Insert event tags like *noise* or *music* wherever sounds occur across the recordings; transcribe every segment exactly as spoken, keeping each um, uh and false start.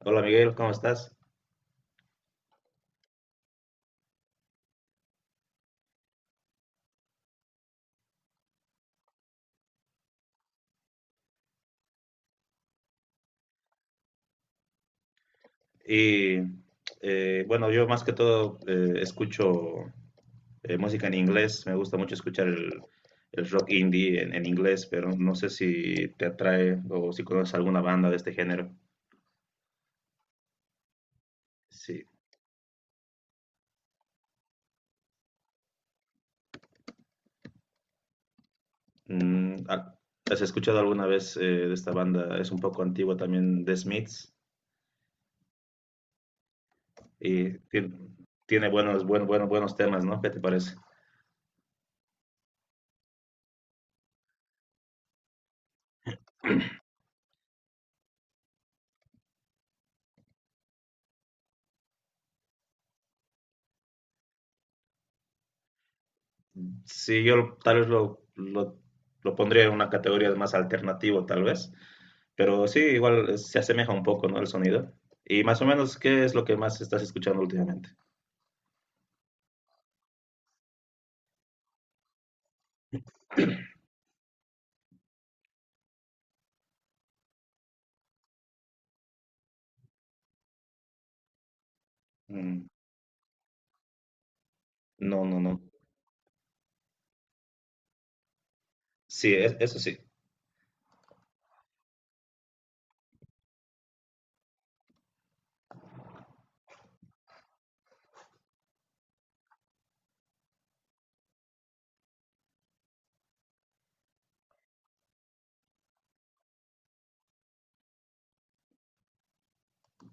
Hola Miguel, ¿cómo estás? Y eh, bueno, yo más que todo eh, escucho eh, música en inglés. Me gusta mucho escuchar el, el rock indie en, en inglés, pero no sé si te atrae o si conoces alguna banda de este género. Sí. Mm, ah, ¿has escuchado alguna vez eh, de esta banda? Es un poco antigua también, The Smiths, y tiene, tiene buenos, buen- bueno- buenos temas, ¿no? ¿Qué te parece? Sí, yo tal vez lo, lo, lo pondría en una categoría de más alternativo, tal vez. Pero sí, igual eh, se asemeja un poco, ¿no? El sonido. Y más o menos, ¿qué es lo que más estás escuchando últimamente? Mm, no, no, no. Sí, es- eso sí.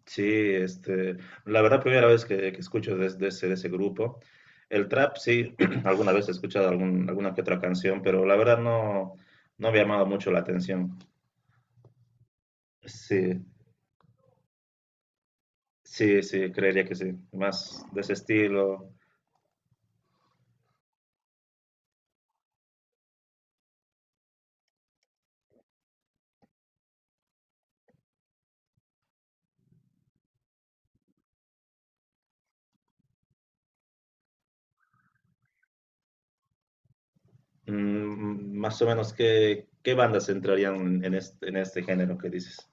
Sí, este, la verdad, primera vez que, que escucho de, de ese, de ese grupo. El trap, sí, *clears throat* alguna vez he escuchado algún- alguna que otra canción, pero la verdad no, no me ha llamado mucho la atención. Sí, sí, sí, creería que sí. Más de ese estilo. Mm, más o menos, ¿qué, qué bandas entrarían en este, en este género que dices?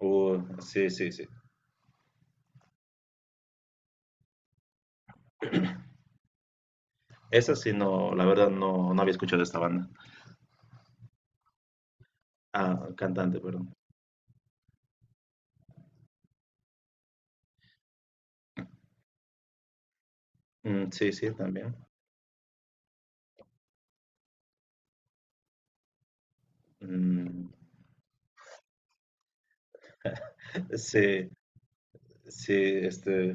Uh, sí, sí, sí. Esa sí. No, la verdad no, no había escuchado esta banda. Ah, cantante, perdón. Mm, sí, sí, también. Mm, sí, sí, este,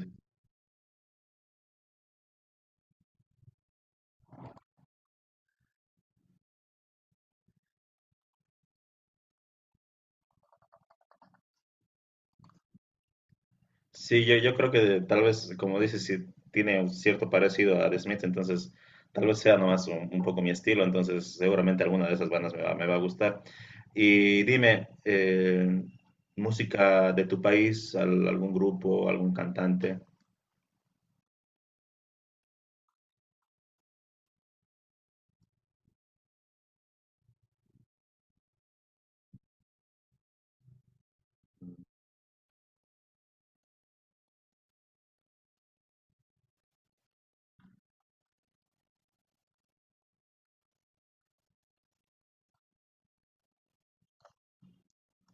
sí, yo, yo creo que de- tal vez, como dices, sí tiene un cierto parecido a The Smiths, entonces tal vez sea nomás un, un poco mi estilo, entonces seguramente alguna de esas bandas me va, me va a gustar. Y dime, eh, música de tu país, al- algún grupo, algún cantante.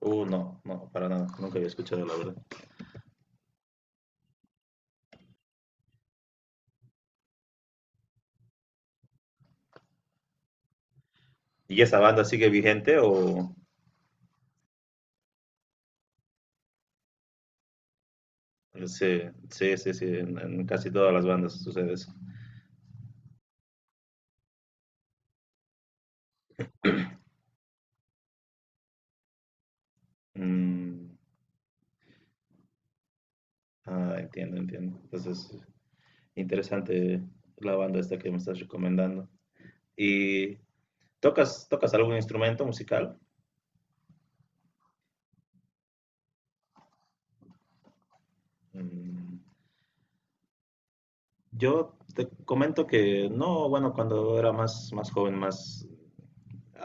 Uh, no, no, para nada, nunca había escuchado, la verdad. ¿Y esa banda sigue vigente o...? Sí, sí, sí, sí, en, en casi todas las bandas sucede eso. Mm, ah, entiendo, entiendo. Entonces, interesante la banda esta que me estás recomendando. ¿Y tocas, tocas algún instrumento musical? Mm, yo te comento que no. Bueno, cuando era más, más joven, más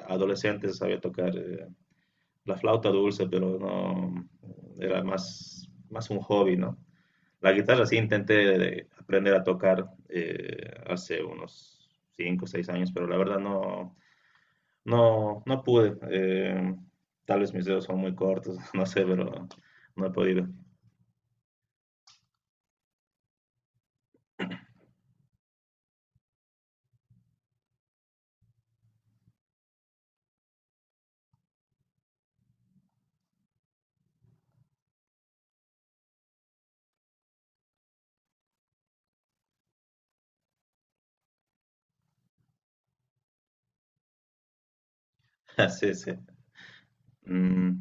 adolescente, sabía tocar eh, la flauta dulce, pero no, era más, más un hobby, ¿no? La guitarra sí intenté aprender a tocar eh, hace unos cinco o seis años, pero la verdad no, no, no pude. Eh, tal vez mis dedos son muy cortos, *laughs* no sé, pero no he podido. *laughs* Sí, sí. Mm,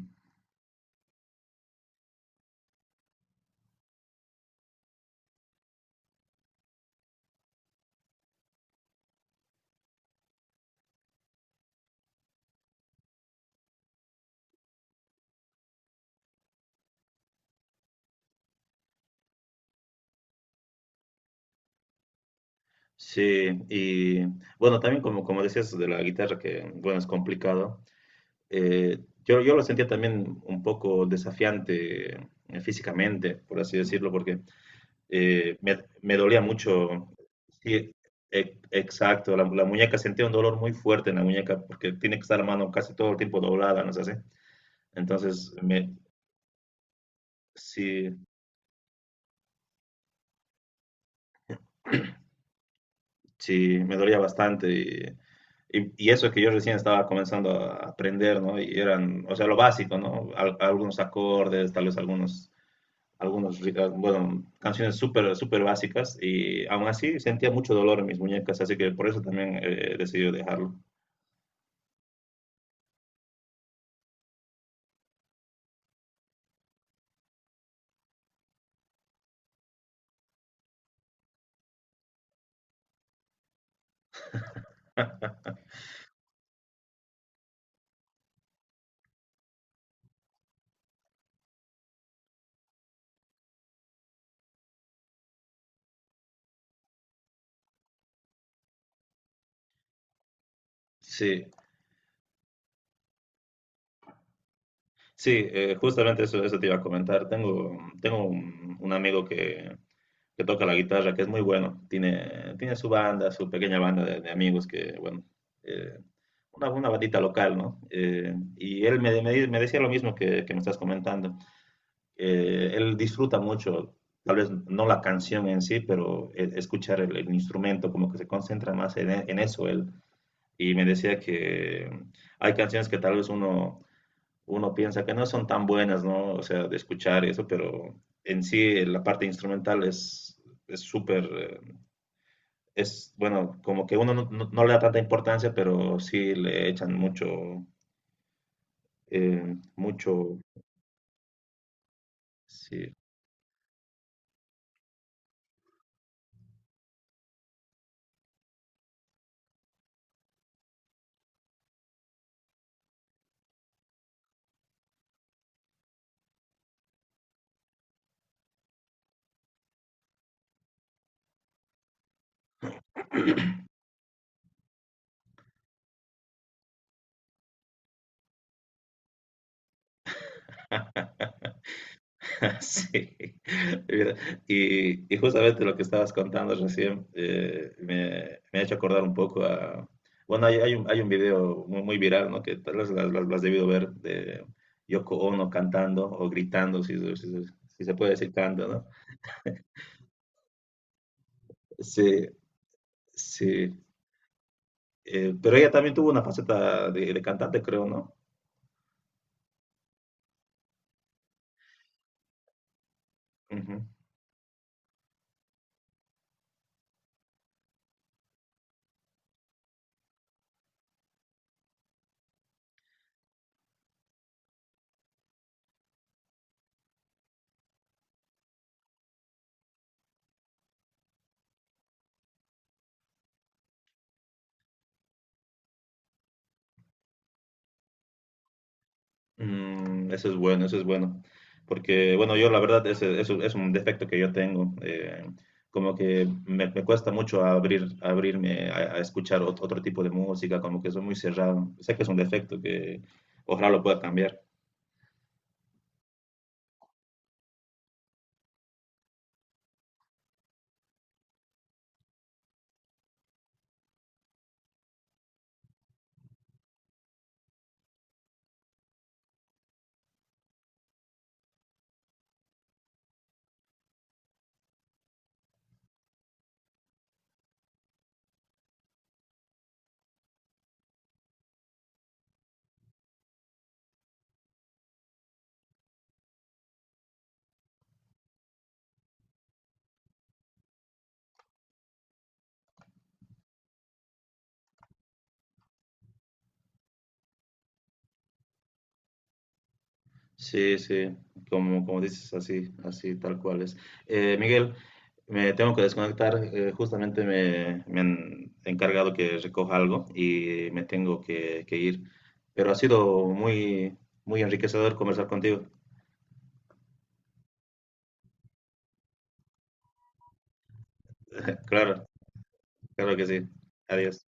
sí, y bueno, también como, como decías de la guitarra, que bueno, es complicado. Eh, yo, yo lo sentía también un poco desafiante eh, físicamente, por así decirlo, porque eh, me, me dolía mucho. Sí, e- exacto, la, la muñeca sentía un dolor muy fuerte en la muñeca porque tiene que estar la mano casi todo el tiempo doblada, ¿no es así? Entonces, me, sí, sí, me dolía bastante y, y, y eso que yo recién estaba comenzando a aprender, ¿no? Y eran, o sea, lo básico, ¿no? Al- algunos acordes, tal vez algunos, algunos, ri- ah, bueno, canciones súper, súper básicas y aún así sentía mucho dolor en mis muñecas, así que por eso también eh, decidí dejarlo. Sí, sí, eh, justamente eso, eso te iba a comentar. Tengo, tengo un, un amigo que, que toca la guitarra, que es muy bueno. Tiene, tiene su banda, su pequeña banda de, de amigos, que bueno, eh, una, una bandita local, ¿no? Eh, y él me, me, di- me decía lo mismo que, que me estás comentando. Eh, él disfruta mucho, tal vez no la canción en sí, pero e- escuchar el, el instrumento, como que se concentra más en, e- en eso él. Y me decía que hay canciones que tal vez uno uno piensa que no son tan buenas, ¿no? O sea, de escuchar y eso, pero en sí la parte instrumental es es súper, eh, es bueno, como que uno no, no- no le da tanta importancia, pero sí le echan mucho, eh, mucho, sí. *laughs* *laughs* Sí, mira, y, y justamente lo que estabas contando recién eh, me, me ha hecho acordar un poco a... Bueno, hay, hay un, hay un video muy, muy viral, ¿no? Que tal vez lo lo- lo has debido ver, de Yoko Ono cantando o gritando, si, se- si se si se puede decir canto, ¿no? Sí, sí. Eh, pero ella también tuvo una faceta de, de cantante, creo, ¿no? Mm, eso es bueno, eso es bueno. Porque bueno, yo la verdad, ese, eso es un defecto que yo tengo. Eh, como que me, me cuesta mucho abrir, abrirme a, a escuchar ot- otro tipo de música, como que soy muy cerrado. Sé que es un defecto que ojalá lo pueda cambiar. Sí, sí, como, como dices, así, así, tal cual es. Eh, Miguel, me tengo que desconectar. Eh, justamente me, me han encargado que recoja algo y me tengo que, que ir, pero ha sido muy, muy enriquecedor conversar contigo. Claro, claro que sí. Adiós.